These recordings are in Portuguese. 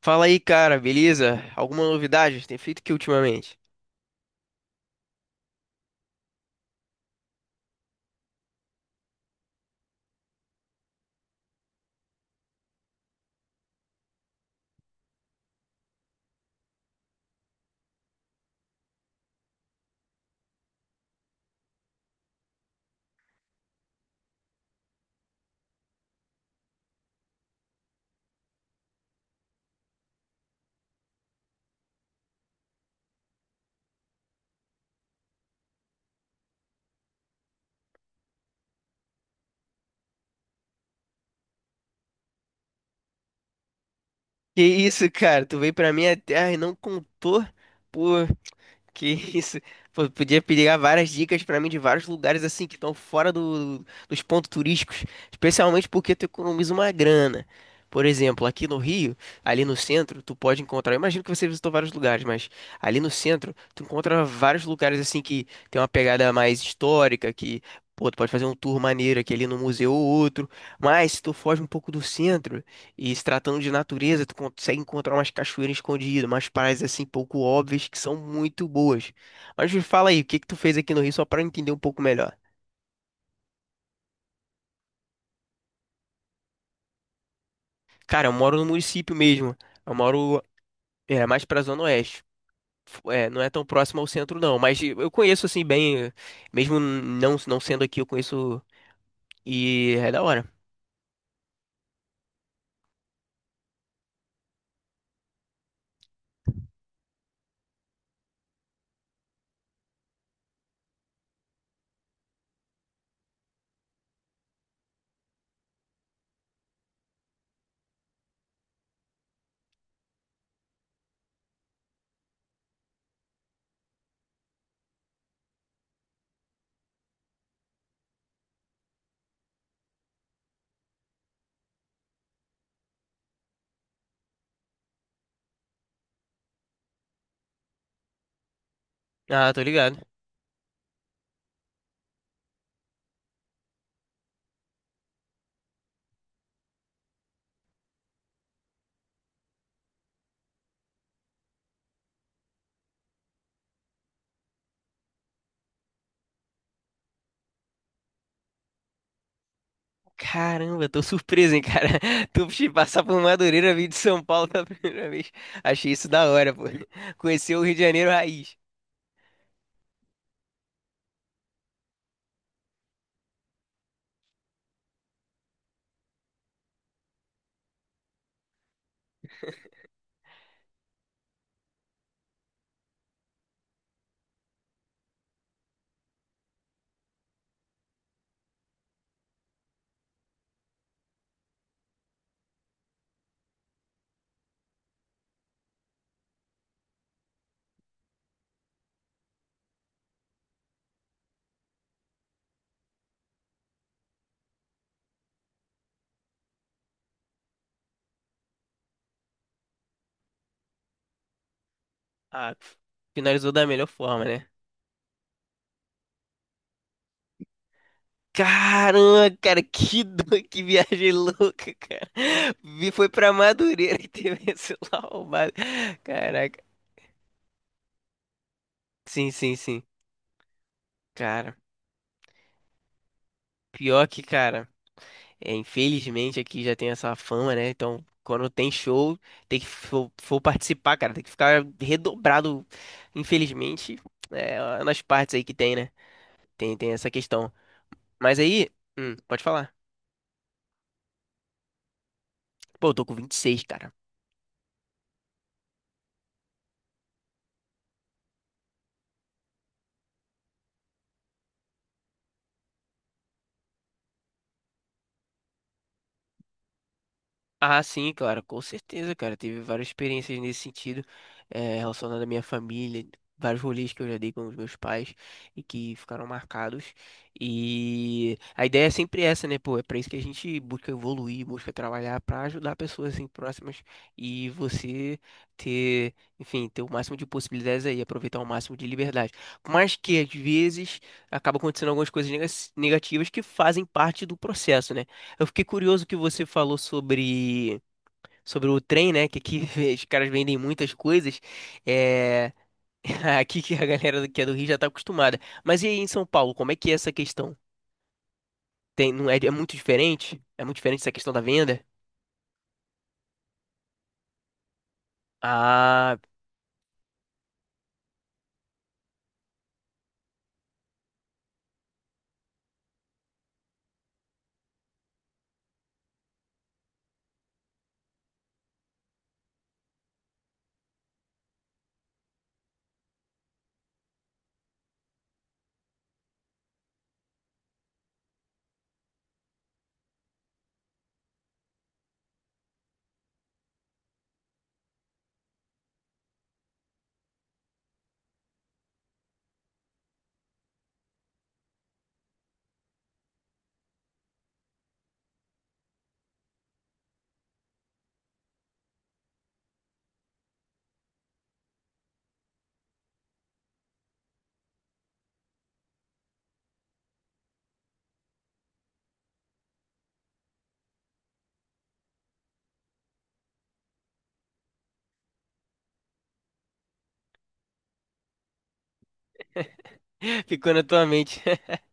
Fala aí, cara, beleza? Alguma novidade? Tem feito o que ultimamente? Que isso, cara? Tu veio pra minha terra e não contou? Pô, que isso. Pô, podia pegar várias dicas pra mim de vários lugares assim que estão fora dos pontos turísticos, especialmente porque tu economiza uma grana. Por exemplo, aqui no Rio, ali no centro, tu pode encontrar. Eu imagino que você visitou vários lugares, mas ali no centro, tu encontra vários lugares assim que tem uma pegada mais histórica, que, pô, tu pode fazer um tour maneiro aqui ali no museu ou outro. Mas se tu foge um pouco do centro, e se tratando de natureza, tu consegue encontrar umas cachoeiras escondidas, umas praias assim pouco óbvias que são muito boas. Mas me fala aí, o que que tu fez aqui no Rio só para eu entender um pouco melhor? Cara, eu moro no município mesmo. Eu moro, mais pra Zona Oeste. É, não é tão próximo ao centro não, mas eu conheço assim bem, mesmo não sendo aqui, eu conheço e é da hora. Ah, tô ligado. Caramba, tô surpreso, hein, cara. Tu te passar por Madureira, vir de São Paulo pela primeira vez. Achei isso da hora, pô. Conheceu o Rio de Janeiro raiz. Ah, finalizou da melhor forma, né? Caramba, cara, que viagem louca, cara. Vi foi pra Madureira e teve esse lá roubado. Caraca. Sim, sim, sim. Cara, pior que, cara. É, infelizmente aqui já tem essa fama, né? Então, quando tem show, tem que for participar, cara, tem que ficar redobrado. Infelizmente, é, nas partes aí que tem, né? Tem essa questão. Mas aí, pode falar. Pô, eu tô com 26 cara. Ah, sim, claro, com certeza, cara. Tive várias experiências nesse sentido, relacionado à minha família, vários rolês que eu já dei com os meus pais e que ficaram marcados. E a ideia é sempre essa, né, pô? É pra isso que a gente busca evoluir, busca trabalhar pra ajudar pessoas assim próximas. E você ter, enfim, ter o máximo de possibilidades aí, aproveitar o máximo de liberdade. Mas que às vezes acaba acontecendo algumas coisas negativas que fazem parte do processo, né? Eu fiquei curioso que você falou sobre o trem, né? Que aqui os caras vendem muitas coisas. É... Aqui que a galera que é do Rio já tá acostumada. Mas e aí em São Paulo, como é que é essa questão? Tem, não é, é muito diferente? É muito diferente essa questão da venda? Ah, ficou na tua mente.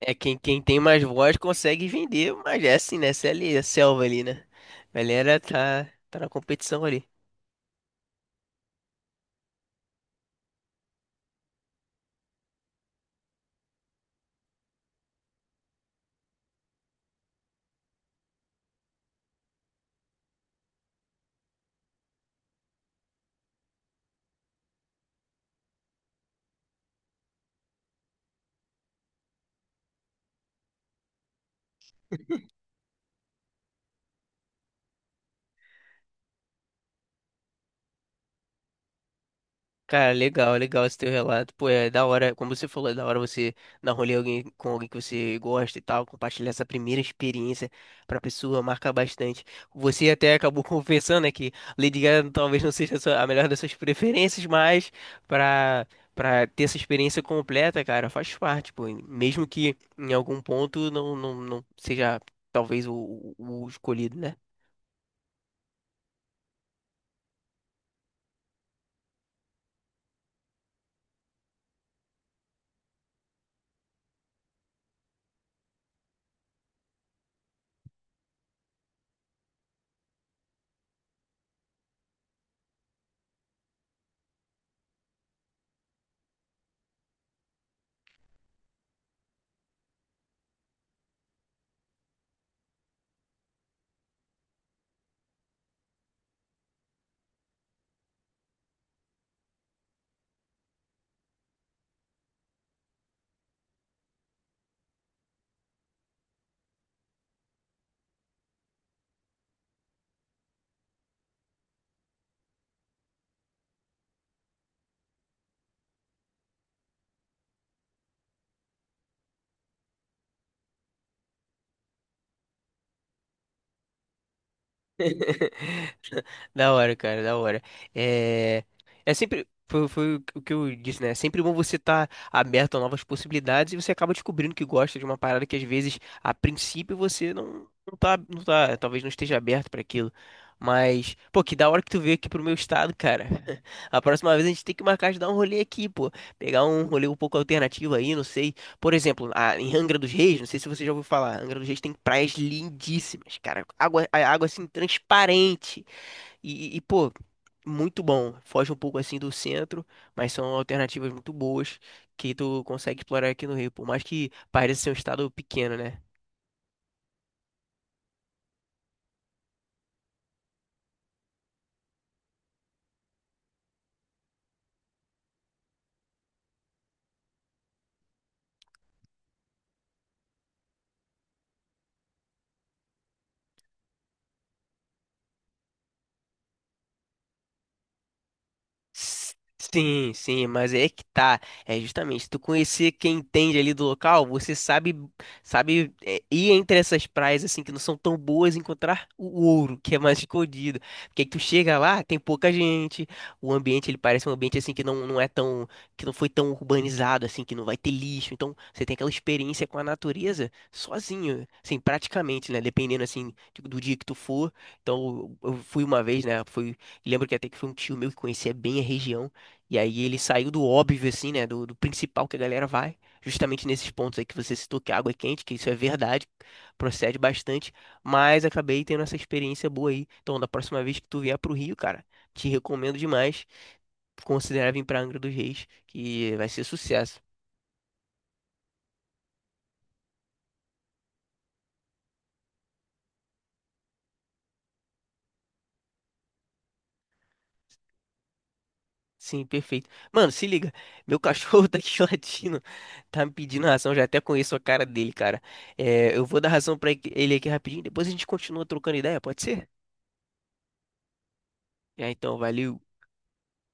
É quem tem mais voz consegue vender, mas é assim, né? Essa é ali, a selva ali, né? A tá na competição ali. Cara, legal, legal esse teu relato. Pô, é da hora, como você falou, é da hora você dar rolê alguém, com alguém que você gosta e tal, compartilhar essa primeira experiência pra pessoa, marca bastante. Você até acabou confessando, né, que Lady Gaga talvez não seja a a melhor das suas preferências, mas pra, pra ter essa experiência completa, cara, faz parte, pô. Mesmo que em algum ponto não seja talvez o, o escolhido, né? Da hora, cara, da hora. É, é sempre. Foi o que eu disse, né? É sempre bom você estar aberto a novas possibilidades e você acaba descobrindo que gosta de uma parada que às vezes, a princípio, você não, não tá, não tá, talvez não esteja aberto para aquilo. Mas, pô, que da hora que tu veio aqui pro meu estado, cara. A próxima vez a gente tem que marcar de dar um rolê aqui, pô. Pegar um rolê um pouco alternativo aí, não sei. Por exemplo, em Angra dos Reis, não sei se você já ouviu falar, Angra dos Reis tem praias lindíssimas, cara. A água assim transparente. Pô, muito bom. Foge um pouco assim do centro, mas são alternativas muito boas que tu consegue explorar aqui no Rio. Por mais que pareça ser um estado pequeno, né? S- Sim, sim, mas é que tá. É justamente, tu conhecer quem entende ali do local, você sabe, sabe ir entre essas praias assim que não são tão boas e encontrar o ouro, que é mais escondido. Porque aí tu chega lá, tem pouca gente, o ambiente ele parece um ambiente assim que não é tão, que não foi tão urbanizado assim, que não vai ter lixo. Então, você tem aquela experiência com a natureza sozinho, assim, praticamente, né, dependendo assim do dia que tu for. Então, eu fui uma vez, né? Fui. Lembro que até que foi um tio meu que conhecia bem a região. E aí ele saiu do óbvio, assim, né? Do principal que a galera vai. Justamente nesses pontos aí que você citou, que a água é quente, que isso é verdade, procede bastante. Mas acabei tendo essa experiência boa aí. Então, da próxima vez que tu vier pro Rio, cara, te recomendo demais considerar vir pra Angra dos Reis, que vai ser sucesso. Sim, perfeito. Mano, se liga. Meu cachorro tá aqui latindo. Tá me pedindo ração. Já até conheço a cara dele, cara. É, eu vou dar ração pra ele aqui rapidinho. Depois a gente continua trocando ideia, pode ser? Já então, valeu.